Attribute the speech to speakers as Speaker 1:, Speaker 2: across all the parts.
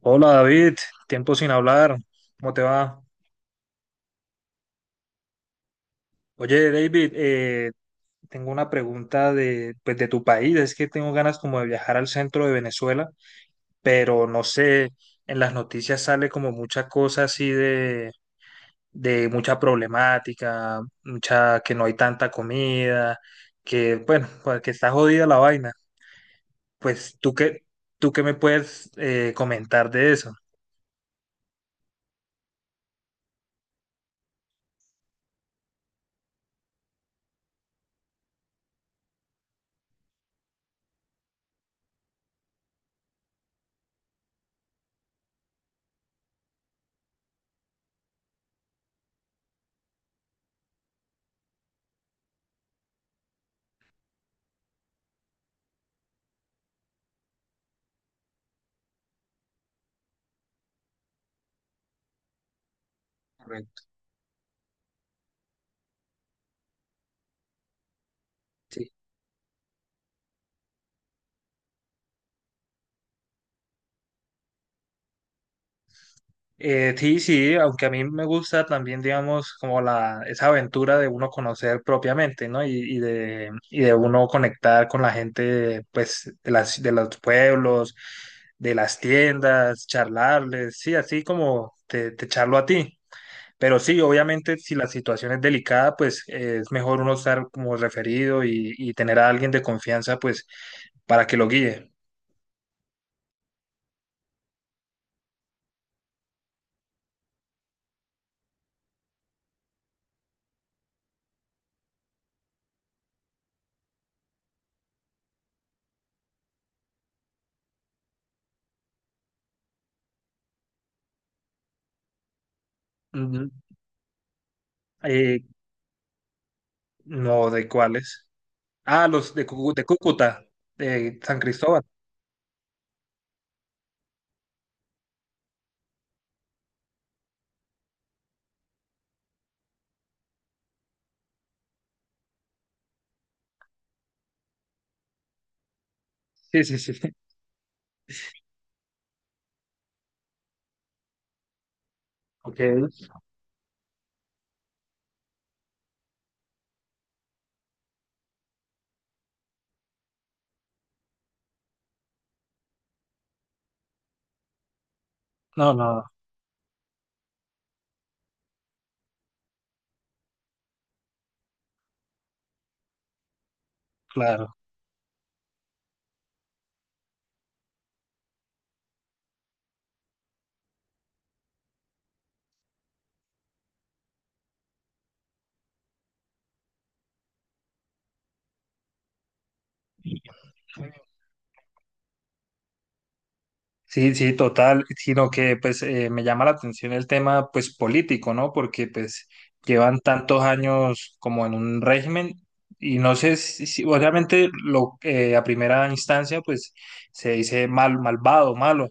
Speaker 1: Hola David, tiempo sin hablar, ¿cómo te va? Oye David, tengo una pregunta de, pues, de tu país, es que tengo ganas como de viajar al centro de Venezuela, pero no sé, en las noticias sale como mucha cosa así de mucha problemática, mucha que no hay tanta comida, que bueno, pues, que está jodida la vaina. Pues tú qué me puedes comentar de eso. Correcto. Sí, sí, aunque a mí me gusta también, digamos, como la, esa aventura de uno conocer propiamente, ¿no? Y de uno conectar con la gente, pues, de las, de los pueblos, de las tiendas, charlarles, sí, así como te charlo a ti. Pero sí, obviamente, si la situación es delicada, pues es mejor uno estar como referido y tener a alguien de confianza, pues, para que lo guíe. Ujú. Eh, no, ¿de cuáles? Ah, los de, de Cúcuta, de San Cristóbal. Sí, sí, sí, sí. Ok. No, no, claro. Sí, sí, total. Sino que pues me llama la atención el tema pues político, ¿no? Porque pues llevan tantos años como en un régimen y no sé si obviamente lo, a primera instancia pues se dice mal, malvado, malo,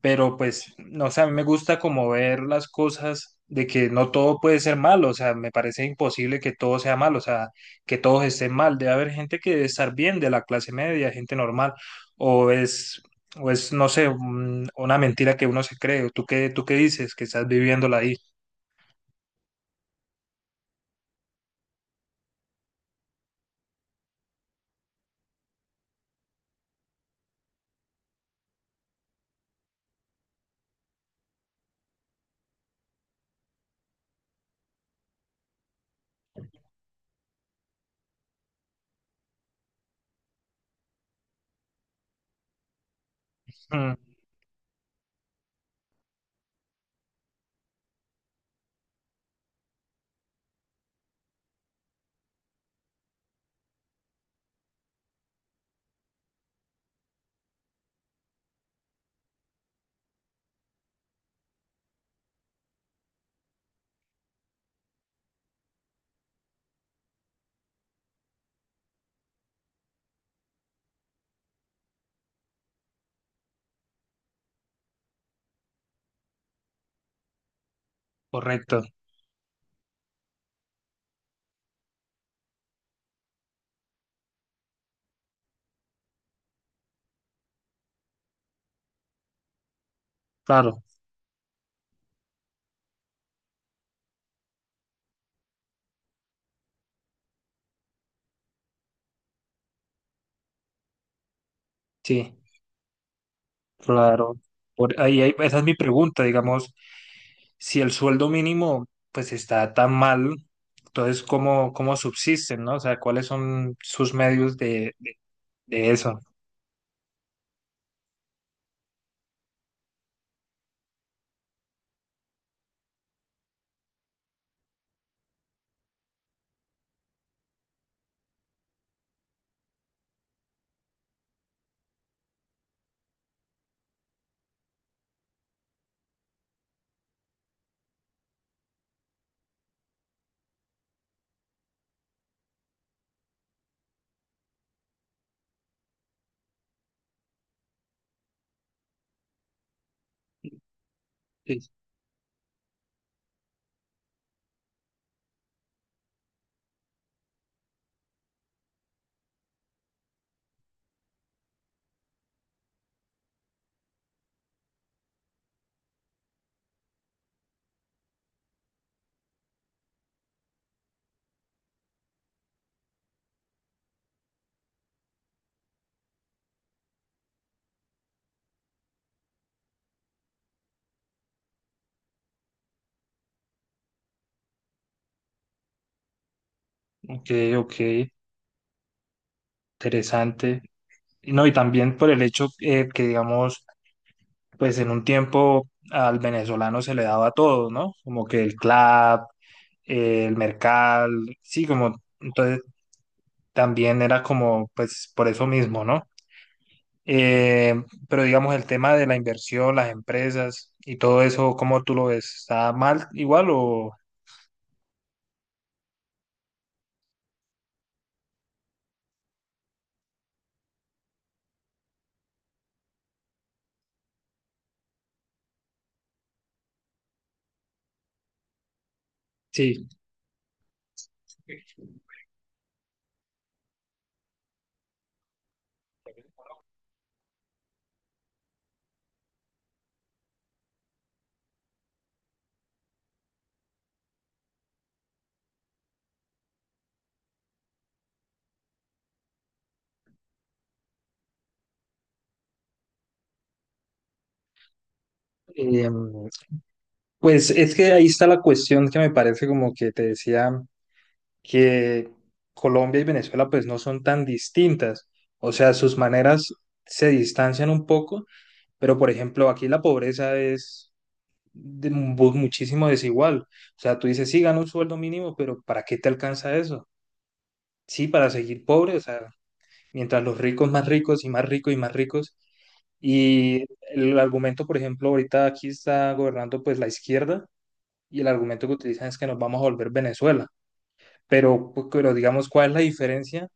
Speaker 1: pero pues, no sé, a mí me gusta como ver las cosas de que no todo puede ser malo, o sea, me parece imposible que todo sea malo, o sea, que todos estén mal, debe haber gente que debe estar bien de la clase media, gente normal, o es, o es, no sé, una mentira que uno se cree, o tú qué dices, que estás viviéndola ahí. Mm, correcto, claro, sí. Claro, por ahí esa es mi pregunta, digamos, si el sueldo mínimo pues está tan mal, entonces ¿cómo, cómo subsisten? ¿No? O sea, ¿cuáles son sus medios de eso? Sí. Ok, ok, interesante. Y no, y también por el hecho que, digamos, pues en un tiempo al venezolano se le daba todo, ¿no? Como que el club, el mercal, sí, como, entonces también era como, pues por eso mismo, ¿no? Eh, pero digamos, el tema de la inversión, las empresas y todo eso, ¿cómo tú lo ves? ¿Está mal igual o...? Sí, Em, pues es que ahí está la cuestión que me parece como que te decía que Colombia y Venezuela pues no son tan distintas, o sea, sus maneras se distancian un poco, pero por ejemplo aquí la pobreza es de muchísimo desigual, o sea, tú dices, sí, gano un sueldo mínimo, pero ¿para qué te alcanza eso? Sí, para seguir pobre, o sea, mientras los ricos más ricos y más ricos y más ricos. Y el argumento, por ejemplo, ahorita aquí está gobernando pues la izquierda y el argumento que utilizan es que nos vamos a volver Venezuela. Pero, pero digamos, ¿cuál es la diferencia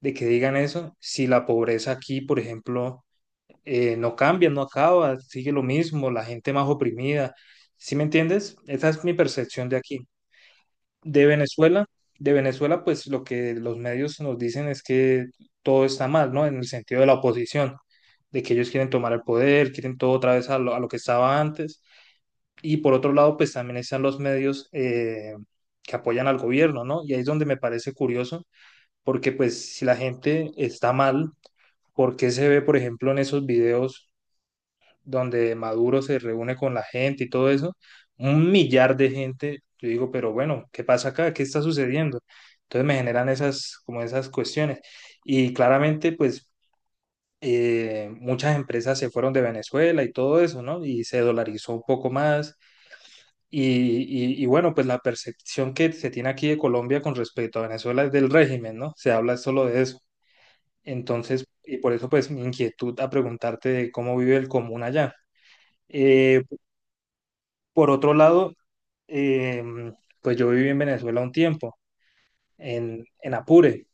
Speaker 1: de que digan eso si la pobreza aquí, por ejemplo, no cambia, no acaba, sigue lo mismo, la gente más oprimida? ¿Sí me entiendes? Esa es mi percepción de aquí. De Venezuela, de Venezuela, pues lo que los medios nos dicen es que todo está mal, ¿no? En el sentido de la oposición, de que ellos quieren tomar el poder, quieren todo otra vez a lo que estaba antes. Y por otro lado, pues también están los medios que apoyan al gobierno, ¿no? Y ahí es donde me parece curioso, porque pues si la gente está mal, ¿por qué se ve, por ejemplo, en esos videos, donde Maduro se reúne con la gente y todo eso, un millar de gente? Yo digo, pero bueno, ¿qué pasa acá? ¿Qué está sucediendo? Entonces me generan esas, como esas cuestiones. Y claramente, pues, muchas empresas se fueron de Venezuela y todo eso, ¿no? Y se dolarizó un poco más. Y, y bueno, pues la percepción que se tiene aquí de Colombia con respecto a Venezuela es del régimen, ¿no? Se habla solo de eso. Entonces, y por eso pues mi inquietud a preguntarte de cómo vive el común allá. Eh, Por otro lado, eh, pues yo viví en Venezuela un tiempo, en Apure,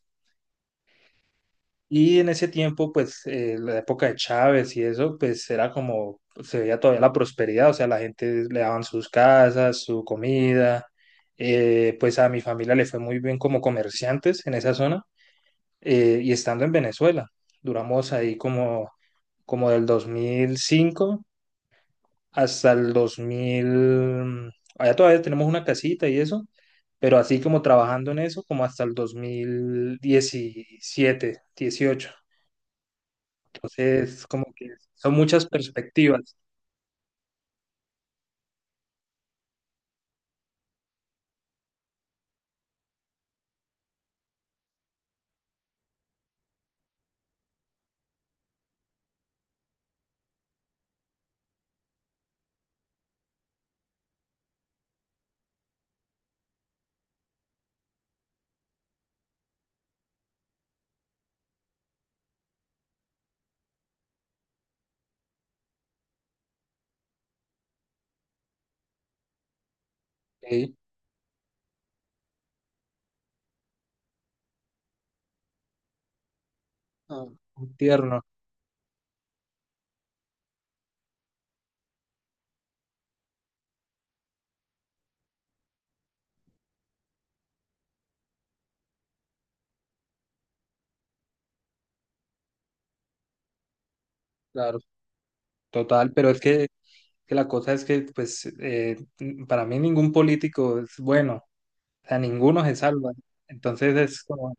Speaker 1: y en ese tiempo, pues la época de Chávez y eso, pues era como, se veía todavía la prosperidad, o sea, la gente le daban sus casas, su comida, pues a mi familia le fue muy bien como comerciantes en esa zona, y estando en Venezuela, duramos ahí como, como del 2005 hasta el 2000, allá todavía tenemos una casita y eso, pero así como trabajando en eso, como hasta el 2017, 2018 Entonces, como que son muchas perspectivas. ¿Sí? Ah, muy tierno, claro, total, pero es que la cosa es que, pues, para mí ningún político es bueno, o sea, ninguno se salva. Entonces es como,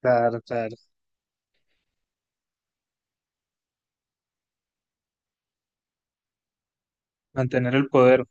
Speaker 1: claro, claro, mantener el poder.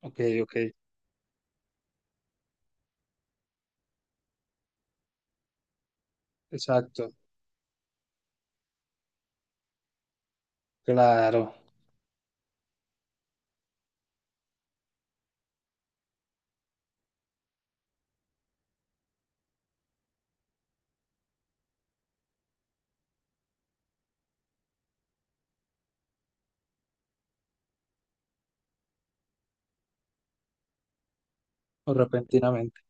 Speaker 1: Ok, ok, exacto, claro, o repentinamente.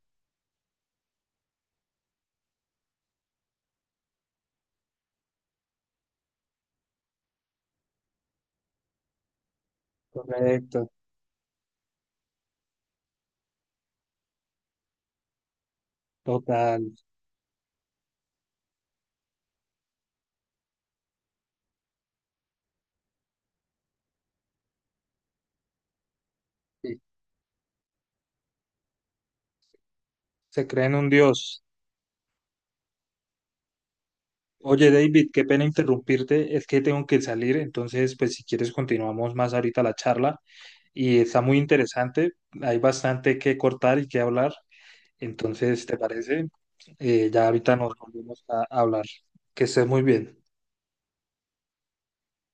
Speaker 1: Correcto, total, sí. Se creen un dios. Oye, David, qué pena interrumpirte, es que tengo que salir, entonces, pues si quieres continuamos más ahorita la charla y está muy interesante, hay bastante que cortar y que hablar, entonces, ¿te parece? Ya ahorita nos volvemos a hablar. Que estés muy bien.